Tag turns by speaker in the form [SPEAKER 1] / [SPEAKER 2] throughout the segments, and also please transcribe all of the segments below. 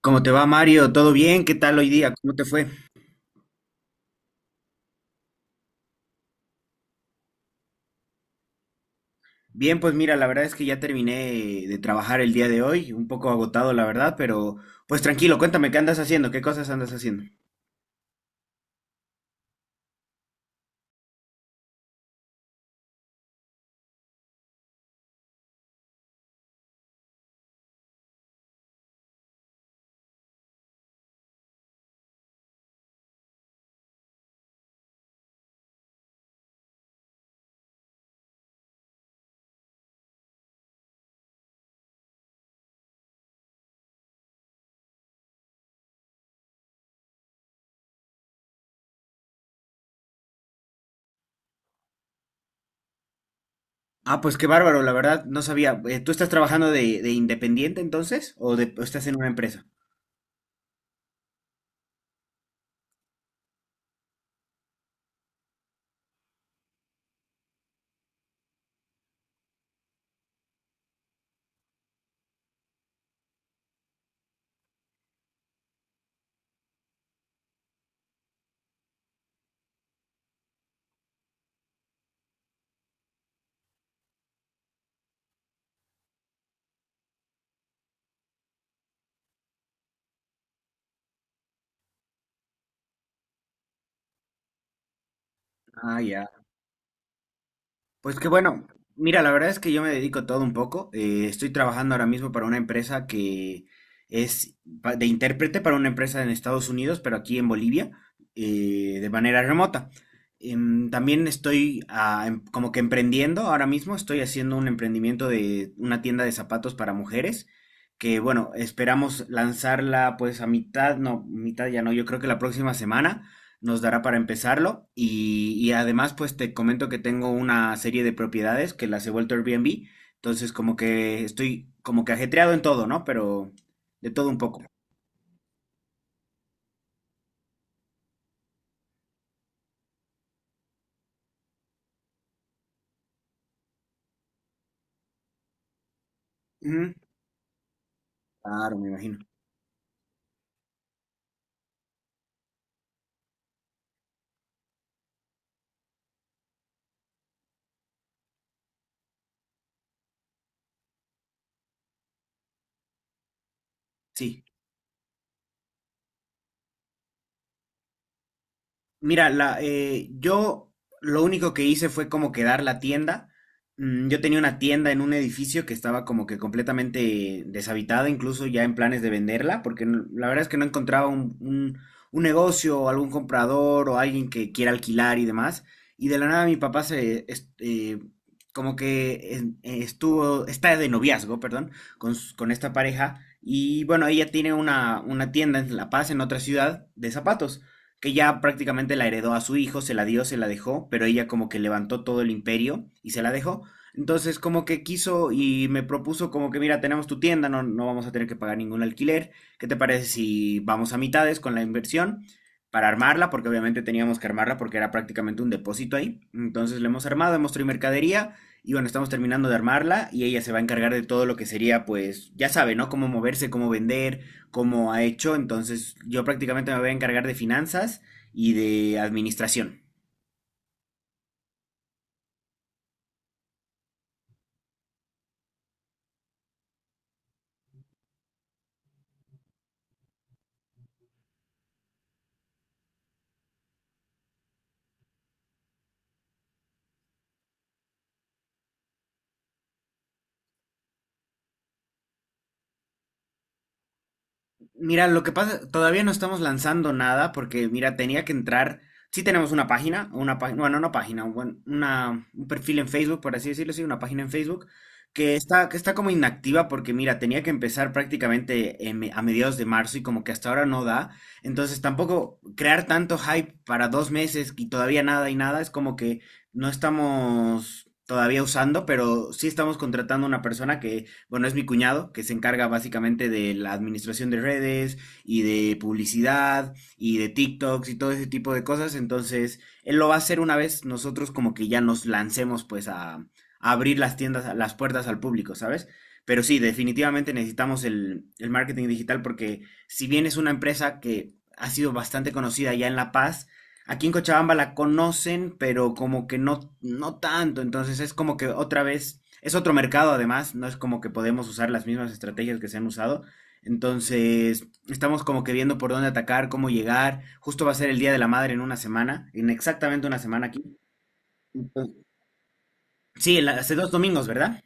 [SPEAKER 1] ¿Cómo te va, Mario? ¿Todo bien? ¿Qué tal hoy día? ¿Cómo te fue? Bien, pues mira, la verdad es que ya terminé de trabajar el día de hoy, un poco agotado, la verdad, pero pues tranquilo, cuéntame, ¿qué andas haciendo? ¿Qué cosas andas haciendo? Ah, pues qué bárbaro, la verdad, no sabía. ¿Tú estás trabajando de independiente entonces? ¿O, o estás en una empresa? Ah, ya. Pues que bueno, mira, la verdad es que yo me dedico a todo un poco. Estoy trabajando ahora mismo para una empresa que es de intérprete para una empresa en Estados Unidos, pero aquí en Bolivia, de manera remota. También estoy como que emprendiendo ahora mismo. Estoy haciendo un emprendimiento de una tienda de zapatos para mujeres, que bueno, esperamos lanzarla pues a mitad, no, mitad ya no, yo creo que la próxima semana nos dará para empezarlo. Y además, pues te comento que tengo una serie de propiedades que las he vuelto Airbnb. Entonces, como que estoy como que ajetreado en todo, ¿no? Pero de todo un poco. Ujú. Claro, me imagino. Sí. Mira, yo lo único que hice fue como quedar la tienda. Yo tenía una tienda en un edificio que estaba como que completamente deshabitada, incluso ya en planes de venderla, porque la verdad es que no encontraba un negocio o algún comprador o alguien que quiera alquilar y demás. Y de la nada mi papá como que estuvo, está de noviazgo, perdón, con esta pareja. Y bueno, ella tiene una tienda en La Paz, en otra ciudad, de zapatos que ya prácticamente la heredó a su hijo, se la dio, se la dejó, pero ella como que levantó todo el imperio y se la dejó. Entonces como que quiso y me propuso como que mira, tenemos tu tienda, no, no vamos a tener que pagar ningún alquiler. ¿Qué te parece si vamos a mitades con la inversión para armarla? Porque obviamente teníamos que armarla porque era prácticamente un depósito ahí. Entonces la hemos armado, hemos traído mercadería y bueno, estamos terminando de armarla y ella se va a encargar de todo lo que sería pues, ya sabe, ¿no? Cómo moverse, cómo vender, como ha hecho. Entonces yo prácticamente me voy a encargar de finanzas y de administración. Mira, lo que pasa, todavía no estamos lanzando nada porque, mira, tenía que entrar. Sí tenemos bueno, una página, un, buen- una, un perfil en Facebook, por así decirlo, sí, una página en Facebook que está, como inactiva porque, mira, tenía que empezar prácticamente a mediados de marzo y como que hasta ahora no da. Entonces, tampoco crear tanto hype para 2 meses y todavía nada y nada es como que no estamos todavía usando, pero sí estamos contratando una persona que bueno, es mi cuñado, que se encarga básicamente de la administración de redes y de publicidad y de TikToks y todo ese tipo de cosas. Entonces, él lo va a hacer una vez nosotros como que ya nos lancemos pues a abrir las tiendas, las puertas al público, ¿sabes? Pero sí, definitivamente necesitamos el marketing digital porque si bien es una empresa que ha sido bastante conocida ya en La Paz, aquí en Cochabamba la conocen, pero como que no, no tanto. Entonces es como que otra vez es otro mercado además, no es como que podemos usar las mismas estrategias que se han usado. Entonces, estamos como que viendo por dónde atacar, cómo llegar. Justo va a ser el Día de la Madre en una semana, en exactamente una semana aquí. Entonces, sí, hace 2 domingos, ¿verdad?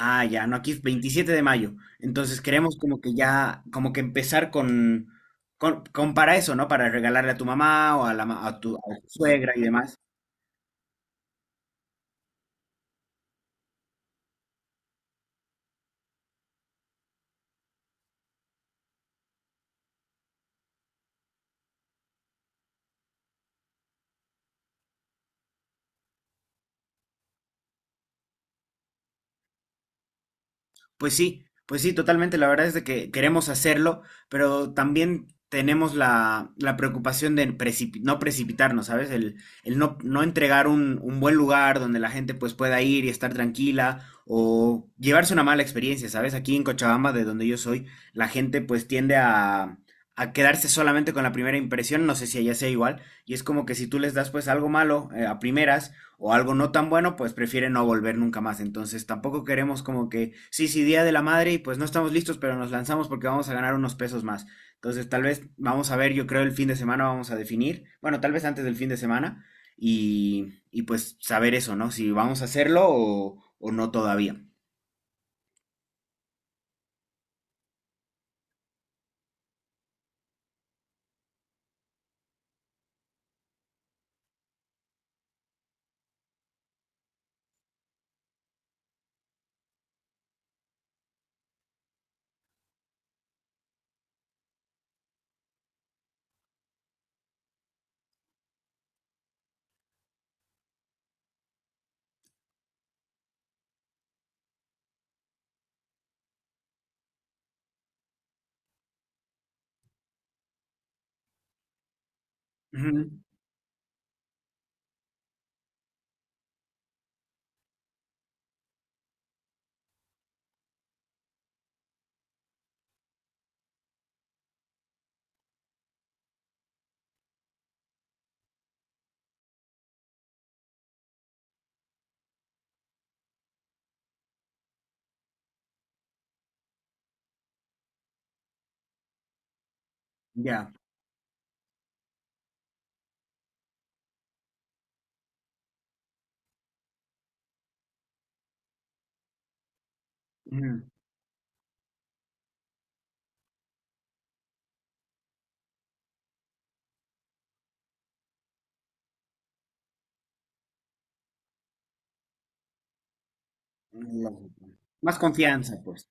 [SPEAKER 1] Ah, ya, no, aquí es 27 de mayo. Entonces queremos como que ya, como que empezar con, con, para eso, ¿no? Para regalarle a tu mamá o a tu suegra y demás. Pues sí, totalmente. La verdad es de que queremos hacerlo, pero también tenemos la preocupación de no precipitarnos, ¿sabes? El no, no entregar un buen lugar donde la gente pues pueda ir y estar tranquila o llevarse una mala experiencia, ¿sabes? Aquí en Cochabamba, de donde yo soy, la gente pues tiende a quedarse solamente con la primera impresión, no sé si allá sea igual, y es como que si tú les das pues algo malo, a primeras, o algo no tan bueno, pues prefiere no volver nunca más. Entonces tampoco queremos como que, sí, sí, Día de la Madre y pues no estamos listos, pero nos lanzamos porque vamos a ganar unos pesos más. Entonces tal vez vamos a ver, yo creo el fin de semana vamos a definir, bueno, tal vez antes del fin de semana y pues saber eso, ¿no? Si vamos a hacerlo o no todavía. Ujú. Ya. Ujú. la- Más confianza, pues.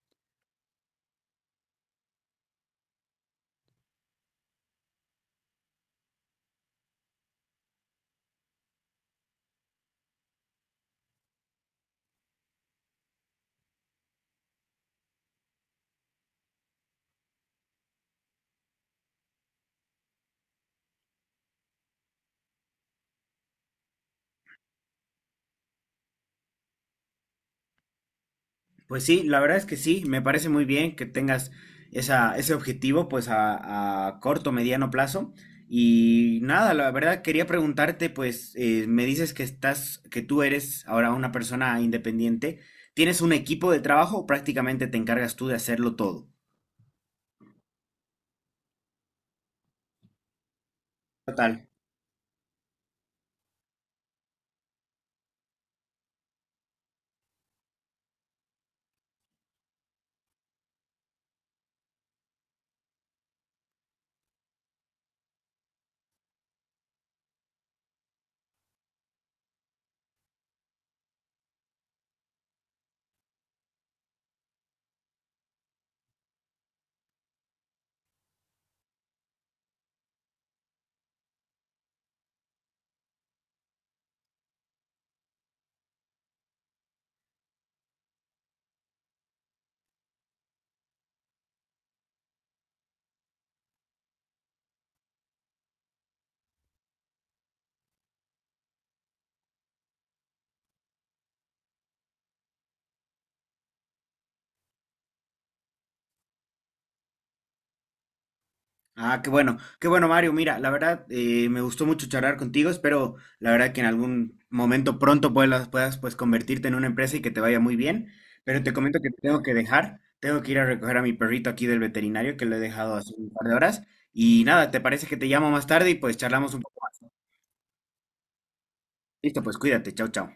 [SPEAKER 1] Pues sí, la verdad es que sí, me parece muy bien que tengas ese objetivo pues a corto, mediano plazo. Y nada, la verdad quería preguntarte pues, me dices que tú eres ahora una persona independiente. ¿Tienes un equipo de trabajo o prácticamente te encargas tú de hacerlo todo? Total. Ah, qué bueno, Mario. Mira, la verdad, me gustó mucho charlar contigo. Espero, la verdad, que en algún momento pronto puedas, pues convertirte en una empresa y que te vaya muy bien. Pero te comento que te tengo que dejar. Tengo que ir a recoger a mi perrito aquí del veterinario que lo he dejado hace un par de horas. Y nada, ¿te parece que te llamo más tarde y pues charlamos un poco más? Listo, pues cuídate. Chau, chau.